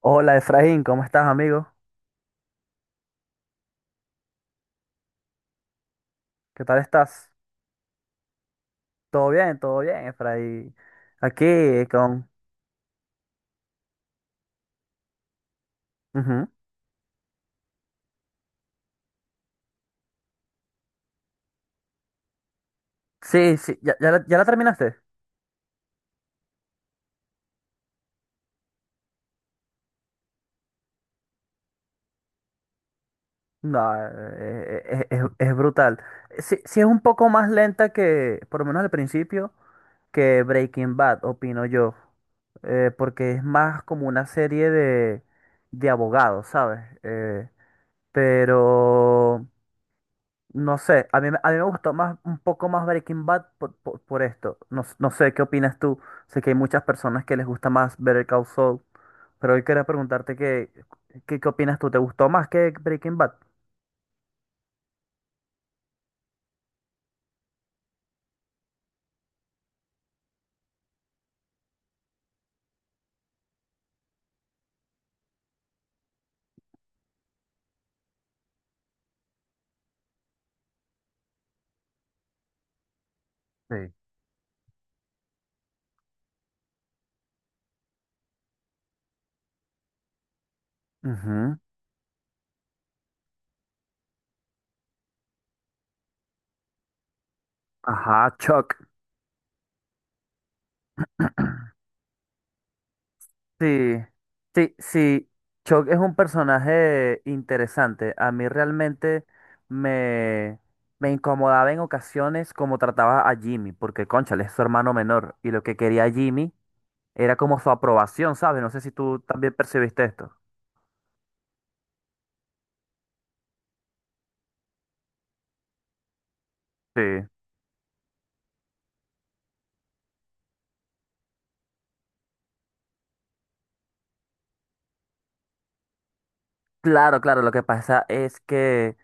Hola Efraín, ¿cómo estás, amigo? ¿Qué tal estás? Todo bien, Efraín. Aquí con... Ujú. Sí, sí, ¿ya la terminaste? No, es brutal. Sí, sí es un poco más lenta que, por lo menos al principio, que Breaking Bad, opino yo. Porque es más como una serie de abogados, ¿sabes? Pero... No sé, a mí me gustó más, un poco más Breaking Bad por, por esto. No, no sé, ¿qué opinas tú? Sé que hay muchas personas que les gusta más Better Call Saul, pero hoy quería preguntarte qué qué opinas tú. ¿Te gustó más que Breaking Bad? Sí. Ujú. Ajá, Chuck. Sí, sí, sí. Chuck es un personaje interesante. A mí realmente me, me incomodaba en ocasiones como trataba a Jimmy, porque, cónchale, es su hermano menor. Y lo que quería Jimmy era como su aprobación, ¿sabes? No sé si tú también percibiste esto. Sí. Claro, claro, lo que pasa es que,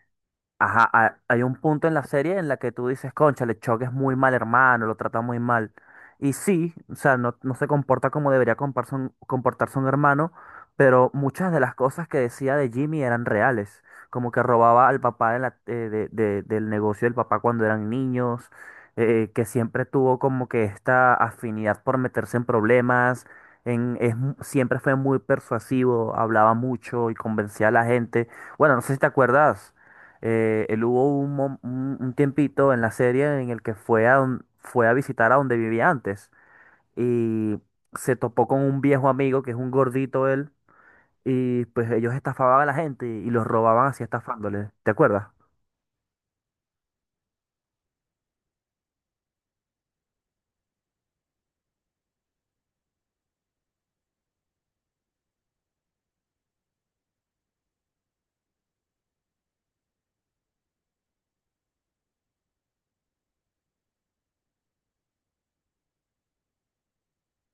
ajá, hay un punto en la serie en la que tú dices, cónchale, Chuck es muy mal hermano, lo trata muy mal. Y sí, o sea, no, no se comporta como comportarse un hermano, pero muchas de las cosas que decía de Jimmy eran reales. Como que robaba al papá de la- de- del negocio del papá cuando eran niños, que siempre tuvo como que esta afinidad por meterse en problemas, siempre fue muy persuasivo, hablaba mucho y convencía a la gente. Bueno, no sé si te acuerdas. Él hubo un, mom- un tiempito en la serie en el que fue a, fue a visitar a donde vivía antes y se topó con un viejo amigo que es un gordito él y pues ellos estafaban a la gente y los robaban así estafándoles. ¿Te acuerdas?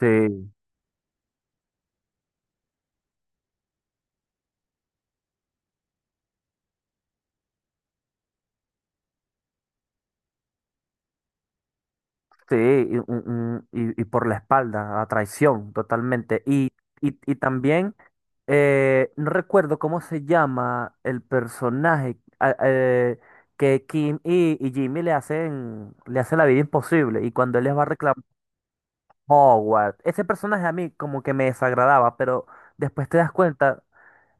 Sí. Sí, y por la espalda, a traición, totalmente. Y también, no recuerdo cómo se llama el personaje, que Kim y Jimmy le hacen la vida imposible. Y cuando él les va a reclamar, Howard, ese personaje a mí como que me desagradaba, pero después te das cuenta.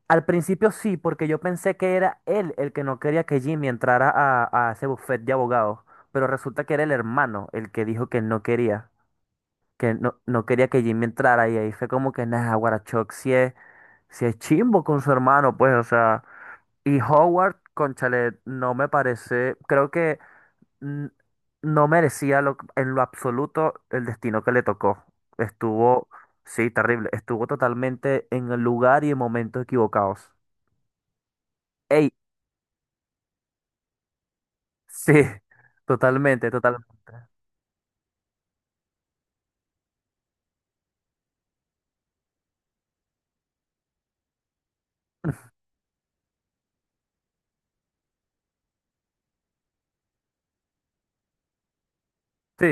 Al principio sí, porque yo pensé que era él el que no quería que Jimmy entrara a ese buffet de abogados, pero resulta que era el hermano el que dijo que no quería, que no, no quería que Jimmy entrara, y ahí fue como que, nah, Guarachoc si es, si es chimbo con su hermano, pues, o sea. Y Howard, cónchale, no me parece, creo que mm, no merecía en lo absoluto el destino que le tocó. Estuvo, sí, terrible, estuvo totalmente en el lugar y en momentos equivocados. Ey, sí, totalmente, total, sí.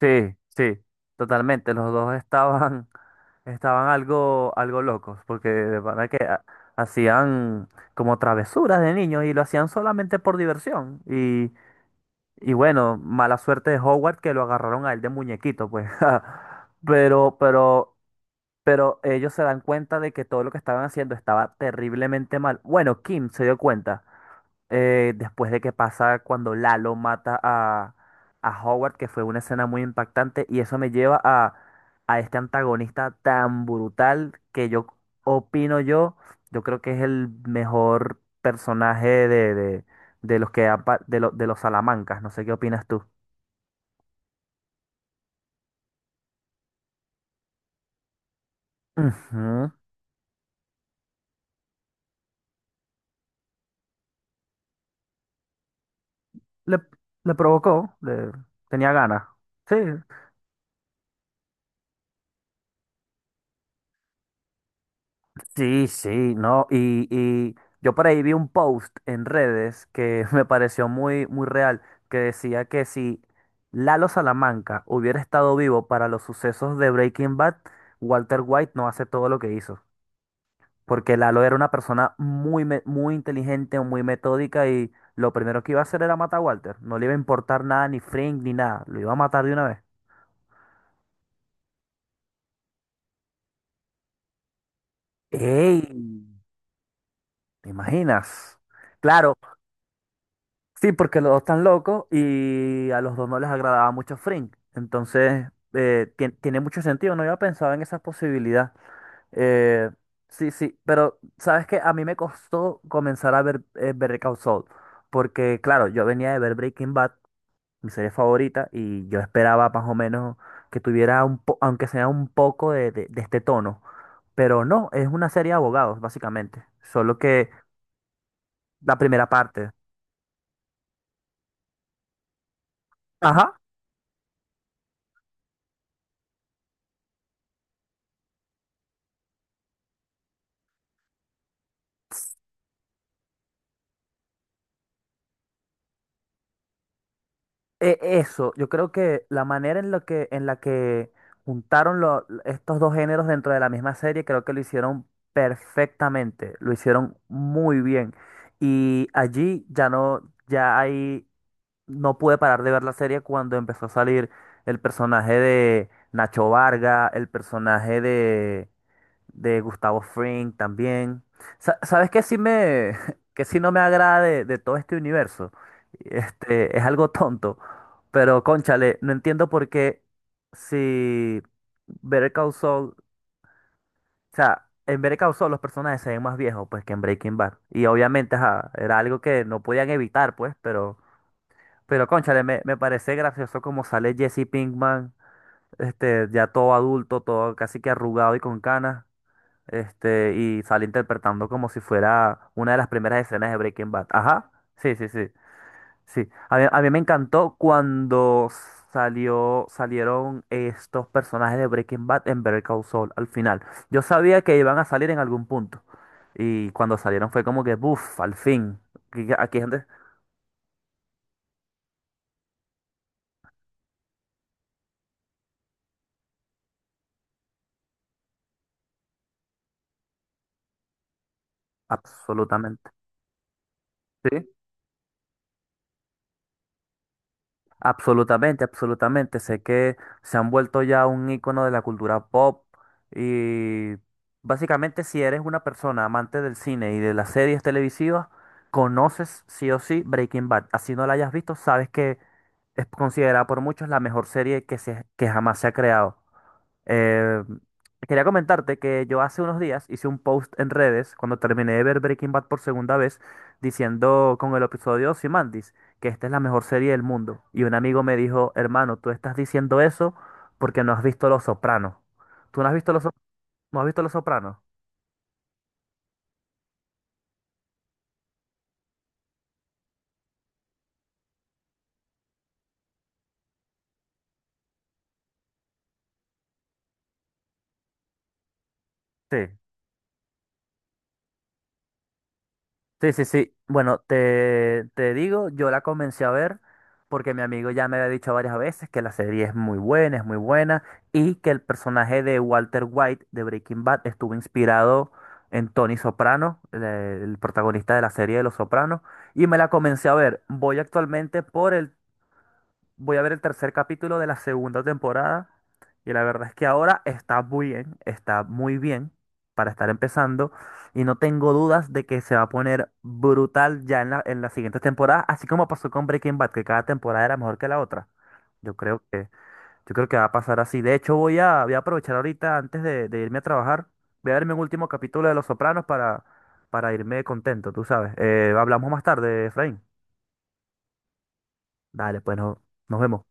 Sí, sí, totalmente. Los dos estaban, estaban algo, algo locos, porque de verdad que hacían como travesuras de niños y lo hacían solamente por diversión. Y bueno, mala suerte de Howard que lo agarraron a él de muñequito, pues. Pero, pero, pero ellos se dan cuenta de que todo lo que estaban haciendo estaba terriblemente mal. Bueno, Kim se dio cuenta, después de que pasa cuando Lalo mata a Howard, que fue una escena muy impactante, y eso me lleva a este antagonista tan brutal que opino yo, yo creo que es el mejor personaje de los que han pa- de, lo- de los Salamancas, no sé qué opinas tú. Ujú. Le, le provocó, le tenía ganas. Sí, sí, sí, no, y yo por ahí vi un post en redes que me pareció muy, muy real, que decía que si Lalo Salamanca hubiera estado vivo para los sucesos de Breaking Bad, Walter White no hace todo lo que hizo, porque Lalo era una persona muy, muy inteligente, muy metódica y lo primero que iba a hacer era matar a Walter, no le iba a importar nada, ni Frank, ni nada, lo iba a matar de una vez. ¡Ey! ¿Te imaginas? Claro, sí, porque los dos están locos y a los dos no les agradaba mucho Frink. Entonces, tiene mucho sentido, no había pensado en esa posibilidad. Eh, sí, sí, pero sabes que a mí me costó comenzar a ver, Better Call Saul, porque claro, yo venía de ver Breaking Bad, mi serie favorita, y yo esperaba más o menos que tuviera aunque sea un poco de, de este tono, pero no, es una serie de abogados, básicamente, solo que la primera parte. Eso, yo creo que la manera en la que juntaron estos dos géneros dentro de la misma serie, creo que lo hicieron perfectamente, lo hicieron muy bien. Y allí ya no, ya ahí no pude parar de ver la serie cuando empezó a salir el personaje de Nacho Varga, el personaje de Gustavo Fring también. ¿Sabes qué sí que sí no me agrada de todo este universo? Este, es algo tonto, pero cónchale, no entiendo por qué si Better Call Saul, o sea, en Better Call Saul los personajes se ven más viejos pues que en Breaking Bad. Y obviamente ajá, era algo que no podían evitar pues, pero cónchale, me parece gracioso como sale Jesse Pinkman, este, ya todo adulto, todo casi que arrugado y con canas. Este, y sale interpretando como si fuera una de las primeras escenas de Breaking Bad. Ajá, sí, sí, sí, sí. A mí me encantó cuando salió, salieron estos personajes de Breaking Bad en Better Call Saul al final. Yo sabía que iban a salir en algún punto. Y cuando salieron fue como que, buf, al fin. Aquí, aquí hay gente, absolutamente. Sí. Absolutamente, absolutamente. Sé que se han vuelto ya un icono de la cultura pop y básicamente si eres una persona amante del cine y de las series televisivas, conoces sí o sí Breaking Bad. Así no la hayas visto, sabes que es considerada por muchos la mejor serie que jamás se ha creado. Eh, Quería comentarte que yo hace unos días hice un post en redes cuando terminé de ver Breaking Bad por segunda vez, diciendo con el episodio Ozymandias que esta es la mejor serie del mundo. Y un amigo me dijo, hermano, tú estás diciendo eso porque no has visto Los Sopranos. ¿Tú no has visto no has visto Los Sopranos? Sí. Sí, sí, sí. Bueno, te digo, yo la comencé a ver porque mi amigo ya me había dicho varias veces que la serie es muy buena, y que el personaje de Walter White de Breaking Bad estuvo inspirado en Tony Soprano, el protagonista de la serie de Los Sopranos, y me la comencé a ver. Voy actualmente por el, voy a ver el tercer capítulo de la segunda temporada y la verdad es que ahora está muy bien para estar empezando y no tengo dudas de que se va a poner brutal ya en la, en las siguientes temporadas, así como pasó con Breaking Bad, que cada temporada era mejor que la otra. Yo creo que, yo creo que va a pasar así. De hecho, voy a, voy a aprovechar ahorita antes de irme a trabajar, voy a verme un último capítulo de Los Sopranos para irme contento, tú sabes. Hablamos más tarde, Efraín. Dale, pues nos vemos.